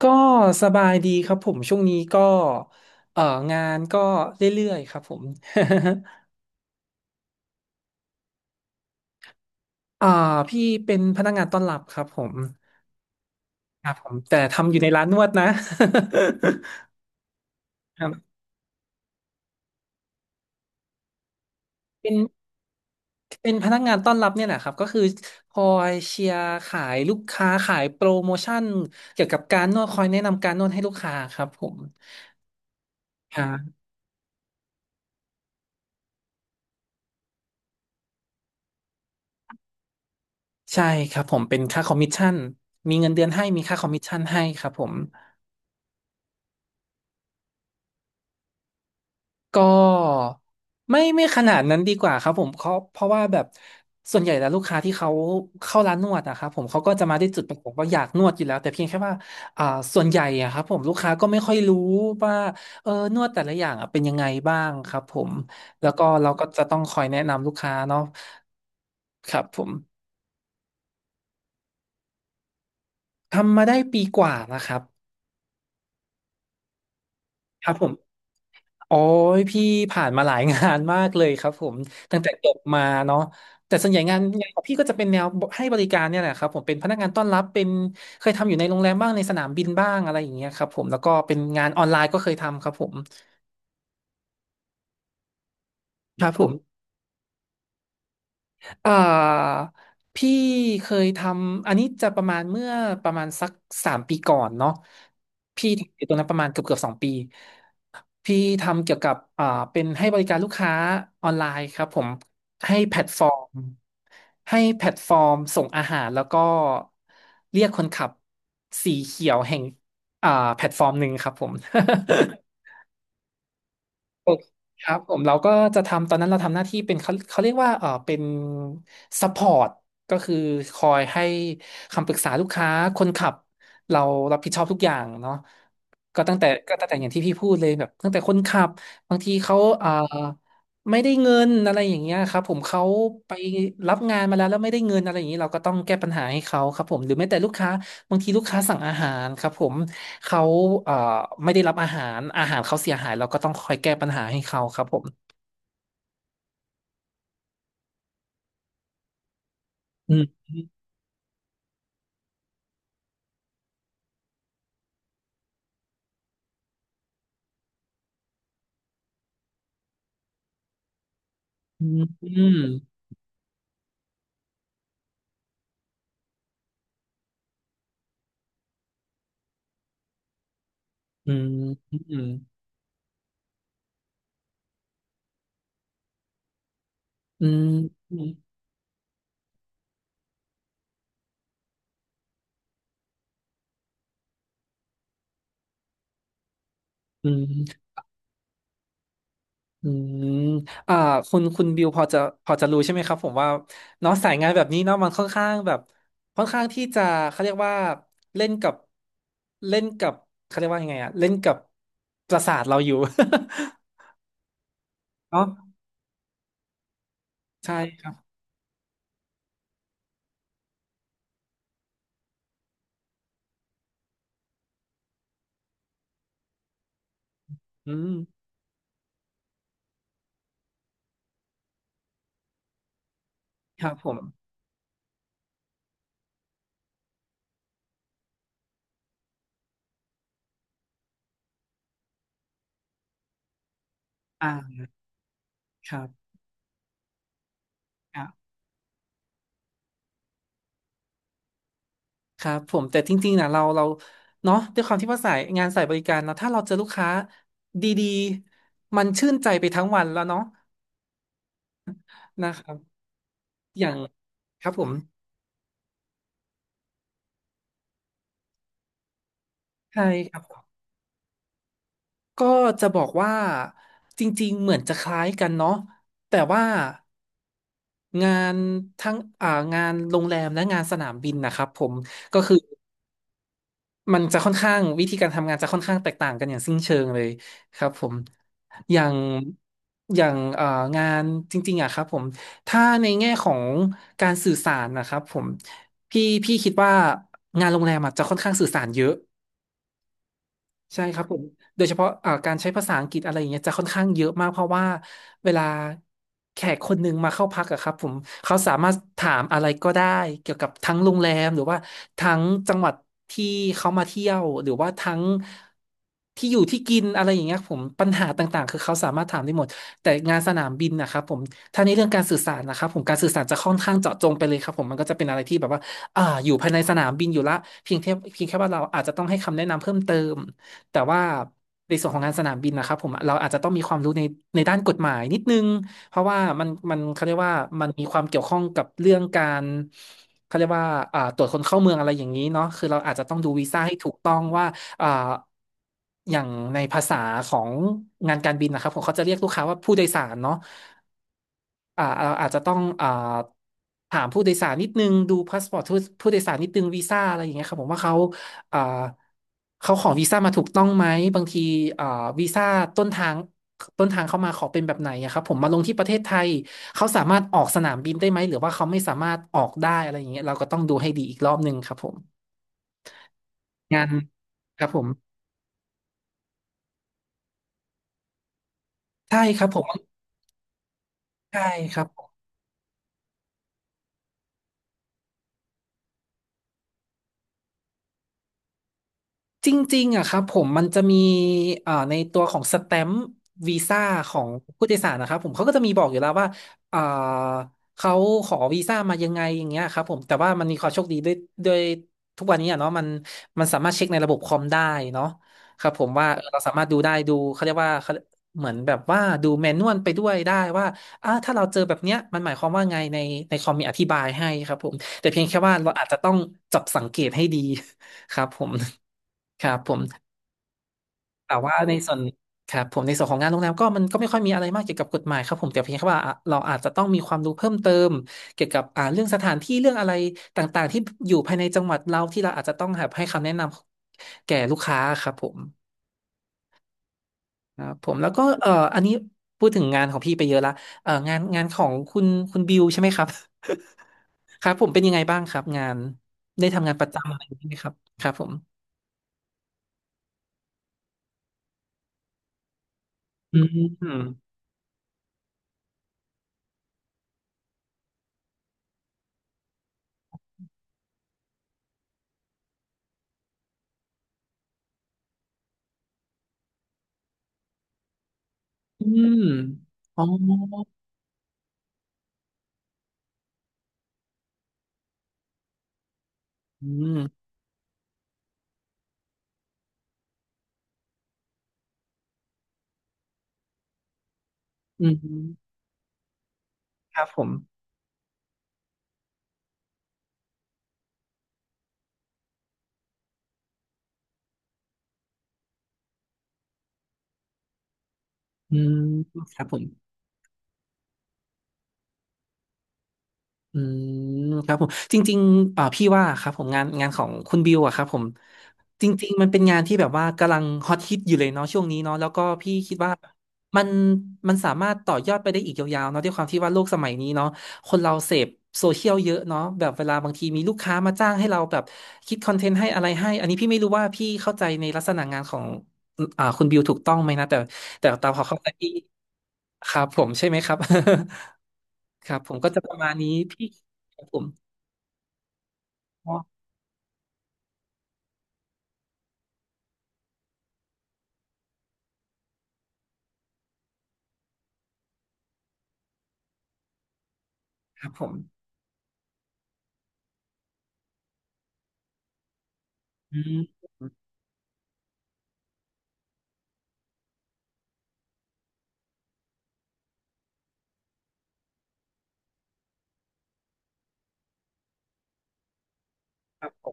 ก็สบายดีครับผมช่วงนี้ก็เอ่องานก็เรื่อยๆครับผม อ่าพี่เป็นพนักงานต้อนรับครับผมครับผมแต่ทำอยู่ในร้านนวดนะ ครับเป็นเป็นพนักงานต้อนรับเนี่ยแหละครับก็คือคอยเชียร์ขายลูกค้าขายโปรโมชั่นเกี่ยวกับการนวดคอยแนะนำการนวดให้ลูกค้าครับผมอ่าใช่ครับผมเป็นค่าคอมมิชชั่นมีเงินเดือนให้มีค่าคอมมิชชั่นให้ครับผม ก็ไม่ขนาดนั้นดีกว่าครับผมเขาเพราะว่าแบบส่วนใหญ่แล้วลูกค้าที่เขาเข้าร้านนวดนะครับผมเขาก็จะมาด้วยจุดประสงค์ว่าอยากนวดอยู่แล้วแต่เพียงแค่ว่าอ่าส่วนใหญ่อะครับผมลูกค้าก็ไม่ค่อยรู้ว่านวดแต่ละอย่างอะเป็นยังไงบ้างครับผมแล้วก็เราก็จะต้องคอยแนะนำลูกค้าเนาะครับผมทำมาได้ปีกว่านะครับครับผม โอ้ยพี่ผ่านมาหลายงานมากเลยครับผม ตั้งแต่จบมาเนาะแต่ส่วนใหญ่งานของพี่ก็จะเป็นแนวให้บริการเนี่ยแหละครับผมเป็นพนักงานต้อนรับเป็นเคยทำอยู่ในโรงแรมบ้างในสนามบินบ้างอะไรอย่างเงี้ยครับผมแล้วก็เป็นงานออนไลน์ก็เคยทำครับผมครับผม เอ่อพี่เคยทำอันนี้จะประมาณเมื่อประมาณสัก3 ปีก่อนเนาะพี่ทำอยู่ตรงนั้นประมาณเกือบ2 ปีพี่ทำเกี่ยวกับเป็นให้บริการลูกค้าออนไลน์ครับผมให้แพลตฟอร์มให้แพลตฟอร์มส่งอาหารแล้วก็เรียกคนขับสีเขียวแห่งอ่าแพลตฟอร์มหนึ่งครับผม ครับผมเราก็จะทำตอนนั้นเราทำหน้าที่เป็นเขาเรียกว่าเป็นซัพพอร์ตก็คือคอยให้คำปรึกษาลูกค้าคนขับเรารับผิดชอบทุกอย่างเนาะก็ตั้งแต่อย่างที่พี่พูดเลยแบบตั้งแต่คนขับบางทีเขาไม่ได้เงินอะไรอย่างเงี้ยครับผมเขาไปรับงานมาแล้วแล้วไม่ได้เงินอะไรอย่างนี้เราก็ต้องแก้ปัญหาให้เขาครับผมหรือแม้แต่ลูกค้า บางทีลูกค้าสั่งอาหารครับผมเขาเอ่อไม่ได้รับอาหารอาหารเขาเสียหายเราก็ต้องคอยแก้ปัญหาให้เขาครับผมอืมอืมอืมอืมอืมอืมอืมอืมอืมอ่าคุณบิวพอจะรู้ใช่ไหมครับผมว่าเนาะสายงานแบบนี้เนาะมันค่อนข้างแบบค่อนข้างที่จะเขาเรียกว่าเล่นกับเล่นกับเขาเรียกว่ายังไงอะเล่นกับประสาทเราอยู่ เนาะใช่ครับอืมครับผมอ่า ครับอ่ะครับผมแต่จริงๆนะเราเนาะด้วยความที่ว่าสายงานสายบริการเนาะถ้าเราเจอลูกค้าดีๆมันชื่นใจไปทั้งวันแล้วเนาะนะครับอย่างครับผมใช่ครับก็จะบอกว่าจริงๆเหมือนจะคล้ายกันเนาะแต่ว่างานทั้งงานโรงแรมและงานสนามบินนะครับผมก็คือ มันจะค่อนข้างวิธีการทำงานจะค่อนข้างแตกต่างกันอย่างสิ้นเชิงเลยครับผมอย่างอย่างงานจริงๆอะครับผมถ้าในแง่ของการสื่อสารนะครับผมพี่คิดว่างานโรงแรมอะจะค่อนข้างสื่อสารเยอะ ใช่ครับผมโดยเฉพาะการใช้ภาษาอังกฤษอะไรอย่างเงี้ยจะค่อนข้างเยอะมากเพราะว่าเวลาแขกคนหนึ่งมาเข้าพักอะครับผมเขาสามารถถามอะไรก็ได้เกี่ยวกับทั้งโรงแรมหรือว่าทั้งจังหวัดที่เขามาเที่ยวหรือว่าทั้งที่อยู่ที่กินอะไรอย่างเงี้ยผมปัญหาต่างๆคือเขาสามารถถามได้หมดแต่งานสนามบินนะครับผมถ้าในเรื่องการสื่อสารนะครับผมการสื่อสารจะค่อนข้างเจาะจงไปเลยครับผมมันก็จะเป็นอะไรที่แบบว่าอยู่ภายในสนามบินอยู่ละเพียงแค่ว่าเราอาจจะต้องให้คำแนะนำเพิ่มเติม แต่ว่าในส่วนของงานสนามบินนะครับผมเราอาจจะต้องมีความรู้ในด้านกฎหมายนิดนึงเพราะว่ามันเขาเรียกว่ามันมีความเกี่ยวข้องกับเรื่องการเขาเรียกว่าตรวจคนเข้าเมืองอะไรอย่างนี้เนาะคือเราอาจจะต้องดูวีซ่าให้ถูกต้องว่าอ่าอย่างในภาษาของงานการบินนะครับผมเขาจะเรียกลูกค้าว่าผู้โดยสารเนาะ อ่าเราอาจจะต้องถามผู้โดยสารนิดนึงดูพาสปอร์ตผู้โดยสารนิดนึงวีซ่าอะไรอย่างเงี้ยครับผมว่าเขาอ่าเขาขอวีซ่ามาถูกต้องไหมบางทีอ่าวีซ่าต้นทางเขามาขอเป็นแบบไหนอะครับผมมาลงที่ประเทศไทยเขาสามารถออกสนามบินได้ไหมหรือว่าเขาไม่สามารถออกได้อะไรอย่างเงี้ยเราก็ต้องดูให้ดีอีกรอบหนึ่งครับผมงานครับผมใช่ครับผมใช่ครับ จริงๆอะครับผมมันจะมีในตัวของสแตมป์วีซ่าของผู้โดยสารนะครับผมเขาก็จะมีบอกอยู่แล้วว่าเอ่อเขาขอวีซ่ามายังไงอย่างเงี้ยครับผมแต่ว่ามันมีความโชคดีด้วยด้วยทุกวันนี้อะเนาะมันสามารถเช็คในระบบคอมได้เนาะครับผมว่าเออเราสามารถดูได้ดูเขาเรียกว่าเขาเหมือนแบบว่าดูแมนนวลไปด้วยได้ว่าถ้าเราเจอแบบเนี้ยมันหมายความว่าไงในคอมมีอธิบายให้ครับผมแต่เพียงแค่ว่าเราอาจจะต้องจับสังเกตให้ดีครับผม ครับผมแต่ว่าในส่วนครับผมในส่วนของงานโรงแรมก็มันก็ไม่ค่อยมีอะไรมากเกี่ยวกับกฎหมายครับผมแต่เพียงแค่ว่าอ่ะเราอาจจะต้องมีความรู้เพิ่มเติมเกี่ยวกับเรื่องสถานที่เรื่องอะไรต่างๆที่อยู่ภายในจังหวัดเราที่เราอาจจะต้องแบบให้คำแนะนำแก่ลูกค้าครับผมครับผมแล้วก็อันนี้พูดถึงงานของพี่ไปเยอะละงานของคุณบิวใช่ไหมครับ ครับผมเป็นยังไงบ้างครับงานได้ทำงานประจำอะไรอย่างนี้ไหมครับครับผมอืมอืมอ๋ออืมอืม ครับผมอืมครับผม อืมครับผมจริงๆเอ่าพี่ว่าครับผมงานของคุณบิวอะครับผมจริงๆมันเป็นงานที่แบบว่ากำลังฮอตฮิตอยู่เลยเนาะช่วงนี้เนาะแล้วก็พี่คิดว่ามันมันสามารถต่อยอดไปได้อีกยาวๆเนาะด้วยความที่ว่าโลกสมัยนี้เนาะคนเราเสพโซเชียลเยอะเนาะแบบเวลาบางทีมีลูกค้ามาจ้างให้เราแบบคิดคอนเทนต์ให้อะไรให้อันนี้พี่ไม่รู้ว่าพี่เข้าใจในลักษณะงานของคุณบิวถูกต้องไหมนะแต่แต่ตามความเข้าใจพี่ครับผมใช่ไหมครับ ครับผมก็จะประมาณนี้พี่ครับผมอ๋อครับผมอืมครับ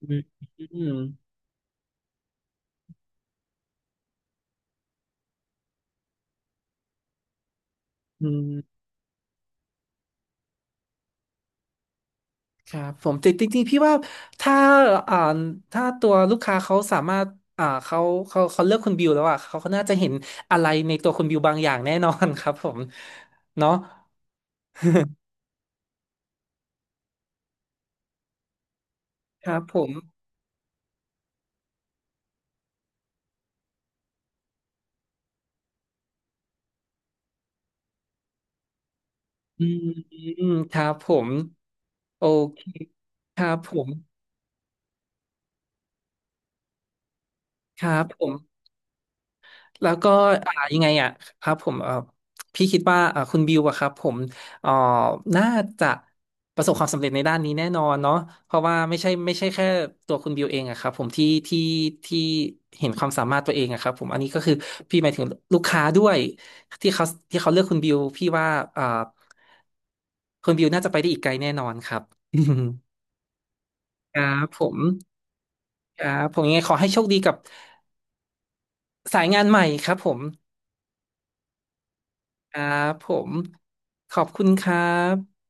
อืมอืมอืมครับผมแต่จริงๆพี่ว่าถ้าอ่าถ้าตัวลูกค้าเขาสามารถเขาเขาเลือกคุณบิวแล้วอ่ะเขาน่าจะเห็นอะไรในตัวคุณบิวบางอย่างแน่นอน ครับผมเนาะ ครับผมอืมครับผมโอเคครับผมครับผม แล้วก็อ่ายังไงอ่ะครับผมพี่คิดว่าคุณบิวอะครับผมเอ่อน่าจะประสบความสำเร็จในด้านนี้แน่นอนเนาะเพราะว่าไม่ใช่ไม่ใช่แค่ตัวคุณบิวเองอะครับผมที่ที่ที่เห็นความสามารถตัวเองอะครับผมอันนี้ก็คือพี่หมายถึงลูกค้าด้วยที่เขาที่เขาเลือกคุณบิวพี่ว่าอ่าคุณบิวน่าจะไปได้อีกไกลแน่นอนครับ ครับผมครับผมยังไงขอให้โชคดีกับสายงานใหม่ครับผม ครับผมขอบคุณครับ